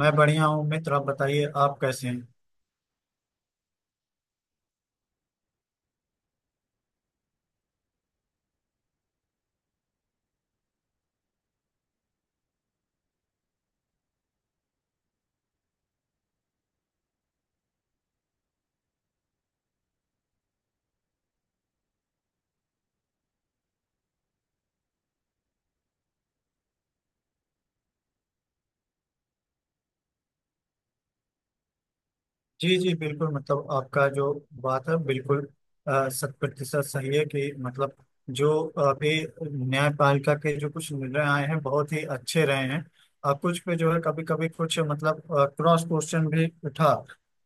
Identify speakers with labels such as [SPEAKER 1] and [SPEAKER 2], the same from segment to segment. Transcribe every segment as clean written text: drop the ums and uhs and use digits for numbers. [SPEAKER 1] मैं बढ़िया हूँ मित्र। आप बताइए, आप कैसे हैं? जी जी, बिल्कुल। मतलब आपका जो बात है, बिल्कुल शत प्रतिशत सही है कि मतलब जो अभी न्यायपालिका के जो कुछ निर्णय आए हैं, बहुत ही अच्छे रहे हैं। और कुछ पे जो है कभी कभी कुछ मतलब क्रॉस क्वेश्चन भी उठा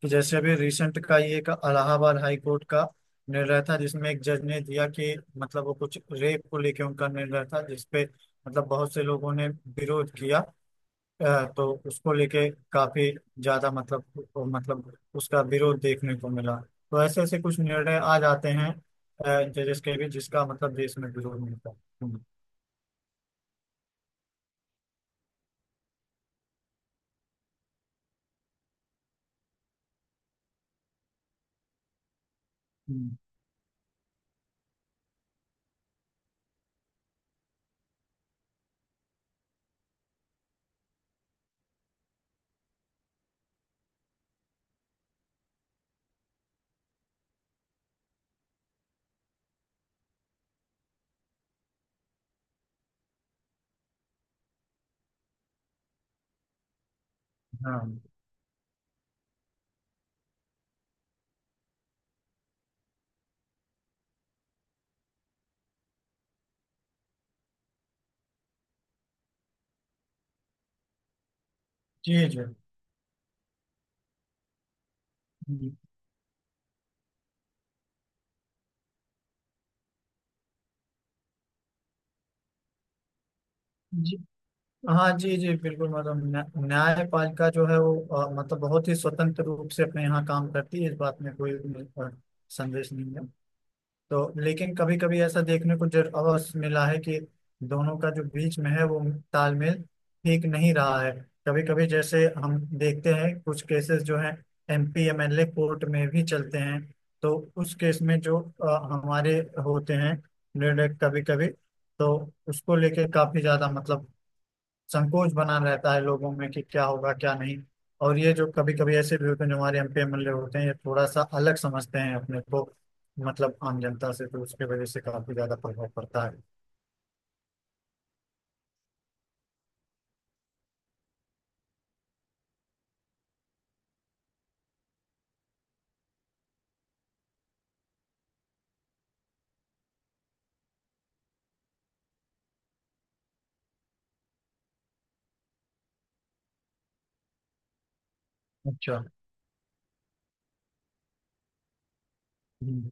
[SPEAKER 1] कि जैसे अभी रिसेंट का ये का इलाहाबाद हाई कोर्ट का निर्णय था, जिसमें एक जज ने दिया कि मतलब वो कुछ रेप को लेके उनका निर्णय था, जिसपे मतलब बहुत से लोगों ने विरोध किया। तो उसको लेके काफी ज्यादा मतलब उसका विरोध देखने को मिला। तो ऐसे ऐसे कुछ निर्णय आ जाते हैं जजेस के भी, जिसका मतलब देश में विरोध मिलता है। हम्म, हम्म, हाँ जी जी, हम्म, जी, हाँ जी जी, बिल्कुल। मतलब न्यायपालिका जो है वो मतलब बहुत ही स्वतंत्र रूप से अपने यहाँ काम करती है। इस बात में कोई संदेश नहीं है। तो लेकिन कभी कभी ऐसा देखने को जर अवसर मिला है कि दोनों का जो बीच में है वो तालमेल ठीक नहीं रहा है। कभी कभी जैसे हम देखते हैं कुछ केसेस जो हैं एमपी एमएलए कोर्ट में भी चलते हैं। तो उस केस में जो हमारे होते हैं निर्णय कभी कभी, तो उसको लेके काफी ज्यादा मतलब संकोच बना रहता है लोगों में कि क्या होगा क्या नहीं। और ये जो कभी कभी ऐसे भी होते हैं जो हमारे एमपी एमएलए होते हैं, ये थोड़ा सा अलग समझते हैं अपने को मतलब आम जनता से। तो उसके वजह से काफी ज्यादा प्रभाव पड़ता है। अच्छा। हम्म।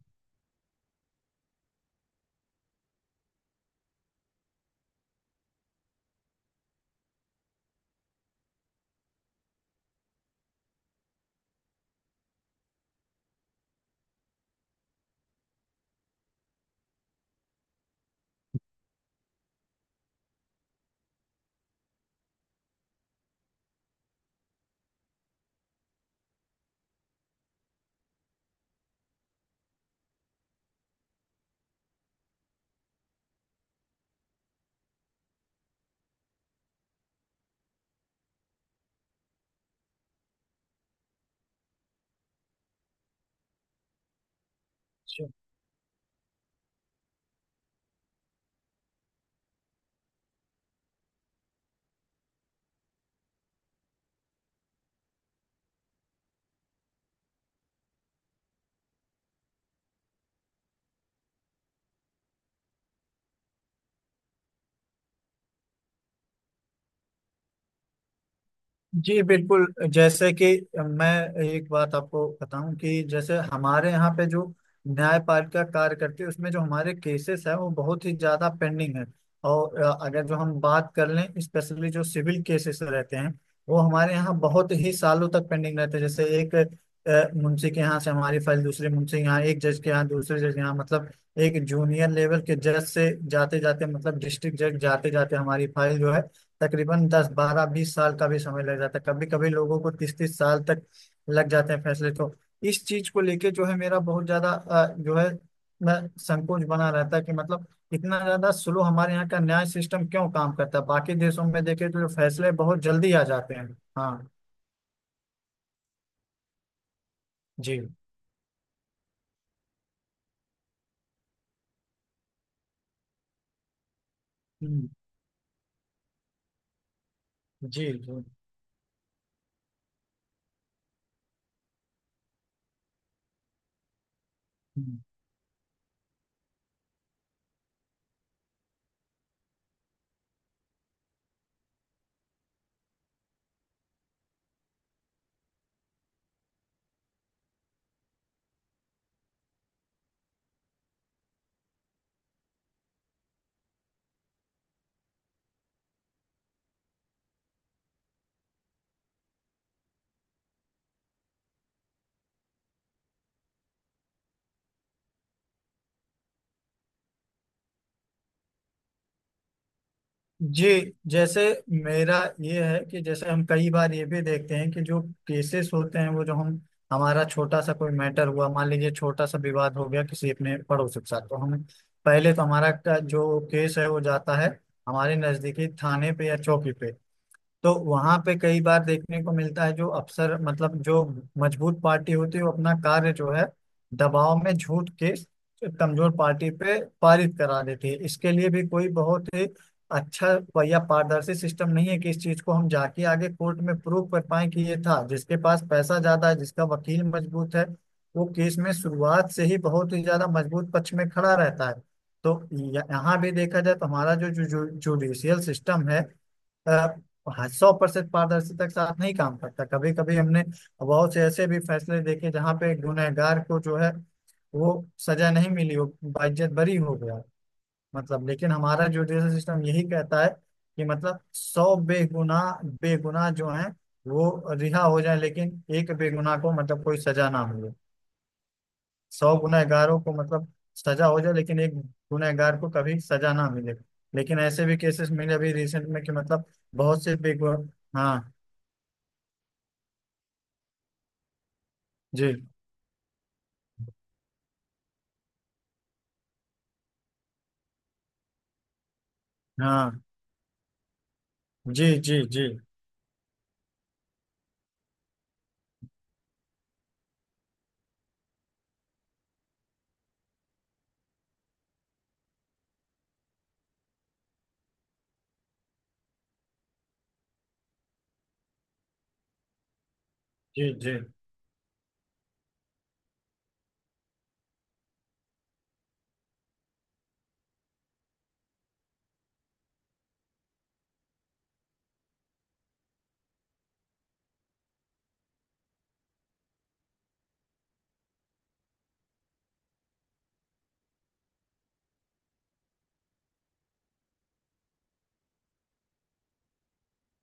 [SPEAKER 1] जी बिल्कुल। जैसे कि मैं एक बात आपको बताऊं कि जैसे हमारे यहाँ पे जो न्यायपालिका कार्य करती है उसमें जो हमारे केसेस है वो बहुत ही ज्यादा पेंडिंग है। और अगर जो हम बात कर लें, स्पेशली जो सिविल केसेस रहते हैं, वो हमारे यहाँ बहुत ही सालों तक पेंडिंग रहते हैं। जैसे एक मुंशी के यहाँ से हमारी फाइल दूसरे मुंशी के यहाँ, एक जज के यहाँ दूसरे जज के यहाँ, मतलब एक जूनियर लेवल के जज से जाते जाते मतलब डिस्ट्रिक्ट जज जाते जाते हमारी फाइल जो है तकरीबन 10 12 20 साल का भी समय लग जाता है। कभी कभी लोगों को 30 30 साल तक लग जाते हैं फैसले। तो इस चीज को लेके जो है मेरा बहुत ज्यादा जो है मैं संकोच बना रहता है कि मतलब इतना ज्यादा स्लो हमारे यहाँ का न्याय सिस्टम क्यों काम करता है। बाकी देशों में देखे तो जो फैसले बहुत जल्दी आ जाते हैं। हाँ जी, हम्म, जी जी, हम्म। जी, जैसे मेरा ये है कि जैसे हम कई बार ये भी देखते हैं कि जो केसेस होते हैं वो जो हम हमारा छोटा सा कोई मैटर हुआ मान लीजिए, छोटा सा विवाद हो गया किसी अपने पड़ोसी के साथ, तो हम पहले तो हमारा का जो केस है वो जाता है हमारे नजदीकी थाने पे या चौकी पे। तो वहां पे कई बार देखने को मिलता है जो अफसर मतलब जो मजबूत पार्टी होती है वो अपना कार्य जो है दबाव में झूठ के कमजोर पार्टी पे पारित करा देती है। इसके लिए भी कोई बहुत ही अच्छा या पारदर्शी सिस्टम नहीं है कि इस चीज को हम जाके आगे कोर्ट में प्रूव कर पाए कि ये था। जिसके पास पैसा ज्यादा है, जिसका वकील मजबूत है, वो केस में शुरुआत से ही बहुत ही ज्यादा मजबूत पक्ष में खड़ा रहता है। तो यहाँ भी देखा जाए तो हमारा जो जुडिशियल सिस्टम है 100% पारदर्शिता के साथ नहीं काम करता। कभी कभी हमने बहुत से ऐसे भी फैसले देखे जहाँ पे गुनहगार को जो है वो सजा नहीं मिली हो, बाइज्जत बरी हो गया। मतलब लेकिन हमारा जुडिशल सिस्टम यही कहता है कि मतलब 100 बेगुनाह बेगुनाह जो हैं वो रिहा हो जाए लेकिन एक बेगुनाह को मतलब कोई सजा ना मिले। 100 गुनहगारों को मतलब सजा हो जाए लेकिन एक गुनहगार को कभी सजा ना मिले। लेकिन ऐसे भी केसेस मिले अभी रिसेंट में कि मतलब बहुत से बिग। हाँ जी, हाँ, जी जी, जी जी जी,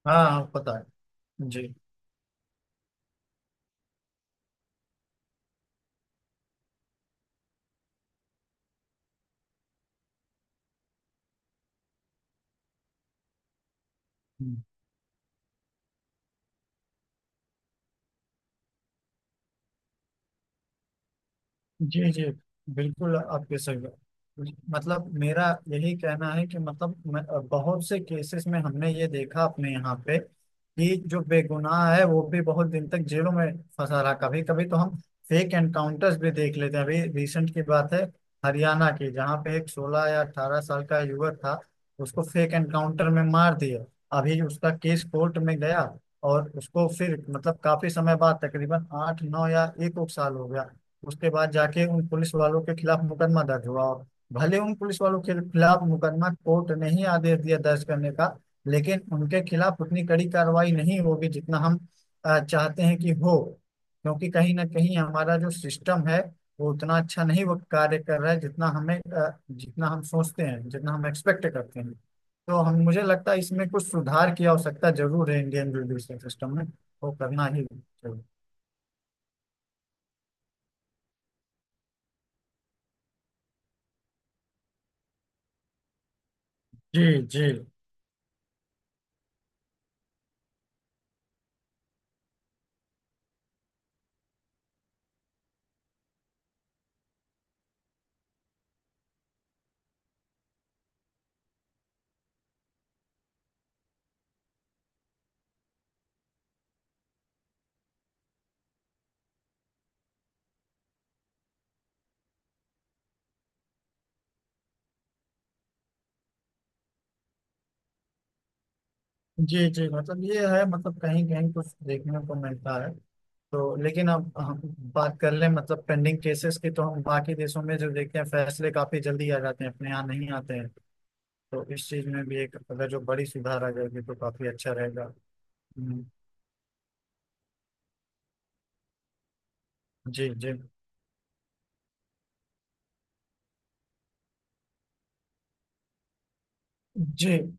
[SPEAKER 1] हाँ हाँ, पता है। जी जी जी, बिल्कुल आपके सही बात। मतलब मेरा यही कहना है कि मतलब बहुत से केसेस में हमने ये देखा अपने यहाँ पे कि जो बेगुनाह है वो भी बहुत दिन तक जेलों में फंसा रहा। कभी कभी तो हम फेक एनकाउंटर्स भी देख लेते हैं। अभी रिसेंट की बात है हरियाणा की, जहाँ पे एक 16 या 18 साल का युवक था, उसको फेक एनकाउंटर में मार दिया। अभी उसका केस कोर्ट में गया और उसको फिर मतलब काफी समय बाद तकरीबन 8 9 या एक एक साल हो गया। उसके बाद जाके उन पुलिस वालों के खिलाफ मुकदमा दर्ज हुआ और भले उन पुलिस वालों के खिलाफ मुकदमा कोर्ट ने ही आदेश दिया दर्ज करने का, लेकिन उनके खिलाफ उतनी कड़ी कार्रवाई नहीं होगी जितना हम चाहते हैं कि हो, क्योंकि कहीं ना कहीं हमारा जो सिस्टम है वो उतना अच्छा नहीं वो कार्य कर रहा है जितना हम सोचते हैं, जितना हम एक्सपेक्ट करते हैं। तो हम मुझे लगता है इसमें कुछ सुधार की आवश्यकता जरूर है इंडियन जुडिशल सिस्टम में। वो करना ही चाहिए। जी जी जी जी। मतलब ये है, मतलब कहीं कहीं कुछ देखने को मिलता है। तो लेकिन अब हम बात कर लें मतलब पेंडिंग केसेस की, तो हम बाकी देशों में जो देखते हैं फैसले काफी जल्दी आ जाते हैं, अपने यहाँ नहीं आते हैं। तो इस चीज में भी एक अगर जो बड़ी सुधार आ जाएगी तो काफी अच्छा रहेगा। हम्म, जी जी जी,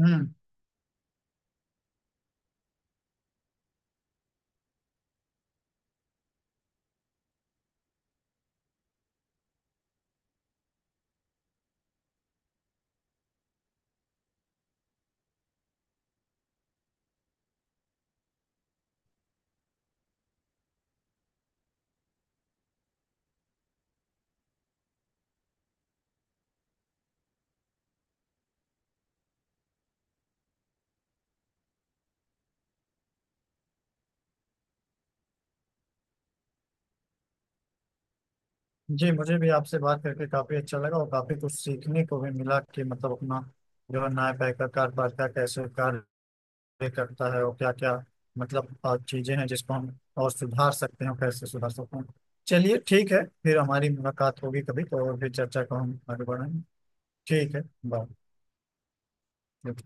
[SPEAKER 1] हम्म। जी, मुझे भी आपसे बात करके काफी अच्छा लगा और काफी कुछ सीखने को भी मिला कि मतलब अपना जो है न्यायपालिका कार्यपालिका कैसे कार्य ये करता है और क्या क्या मतलब चीजें हैं जिसको हम और सुधार सकते हैं और कैसे सुधार सकते हैं। चलिए ठीक है। फिर हमारी मुलाकात होगी कभी, तो और भी चर्चा को हम आगे बढ़ाएंगे। ठीक है। बाय। ठीक।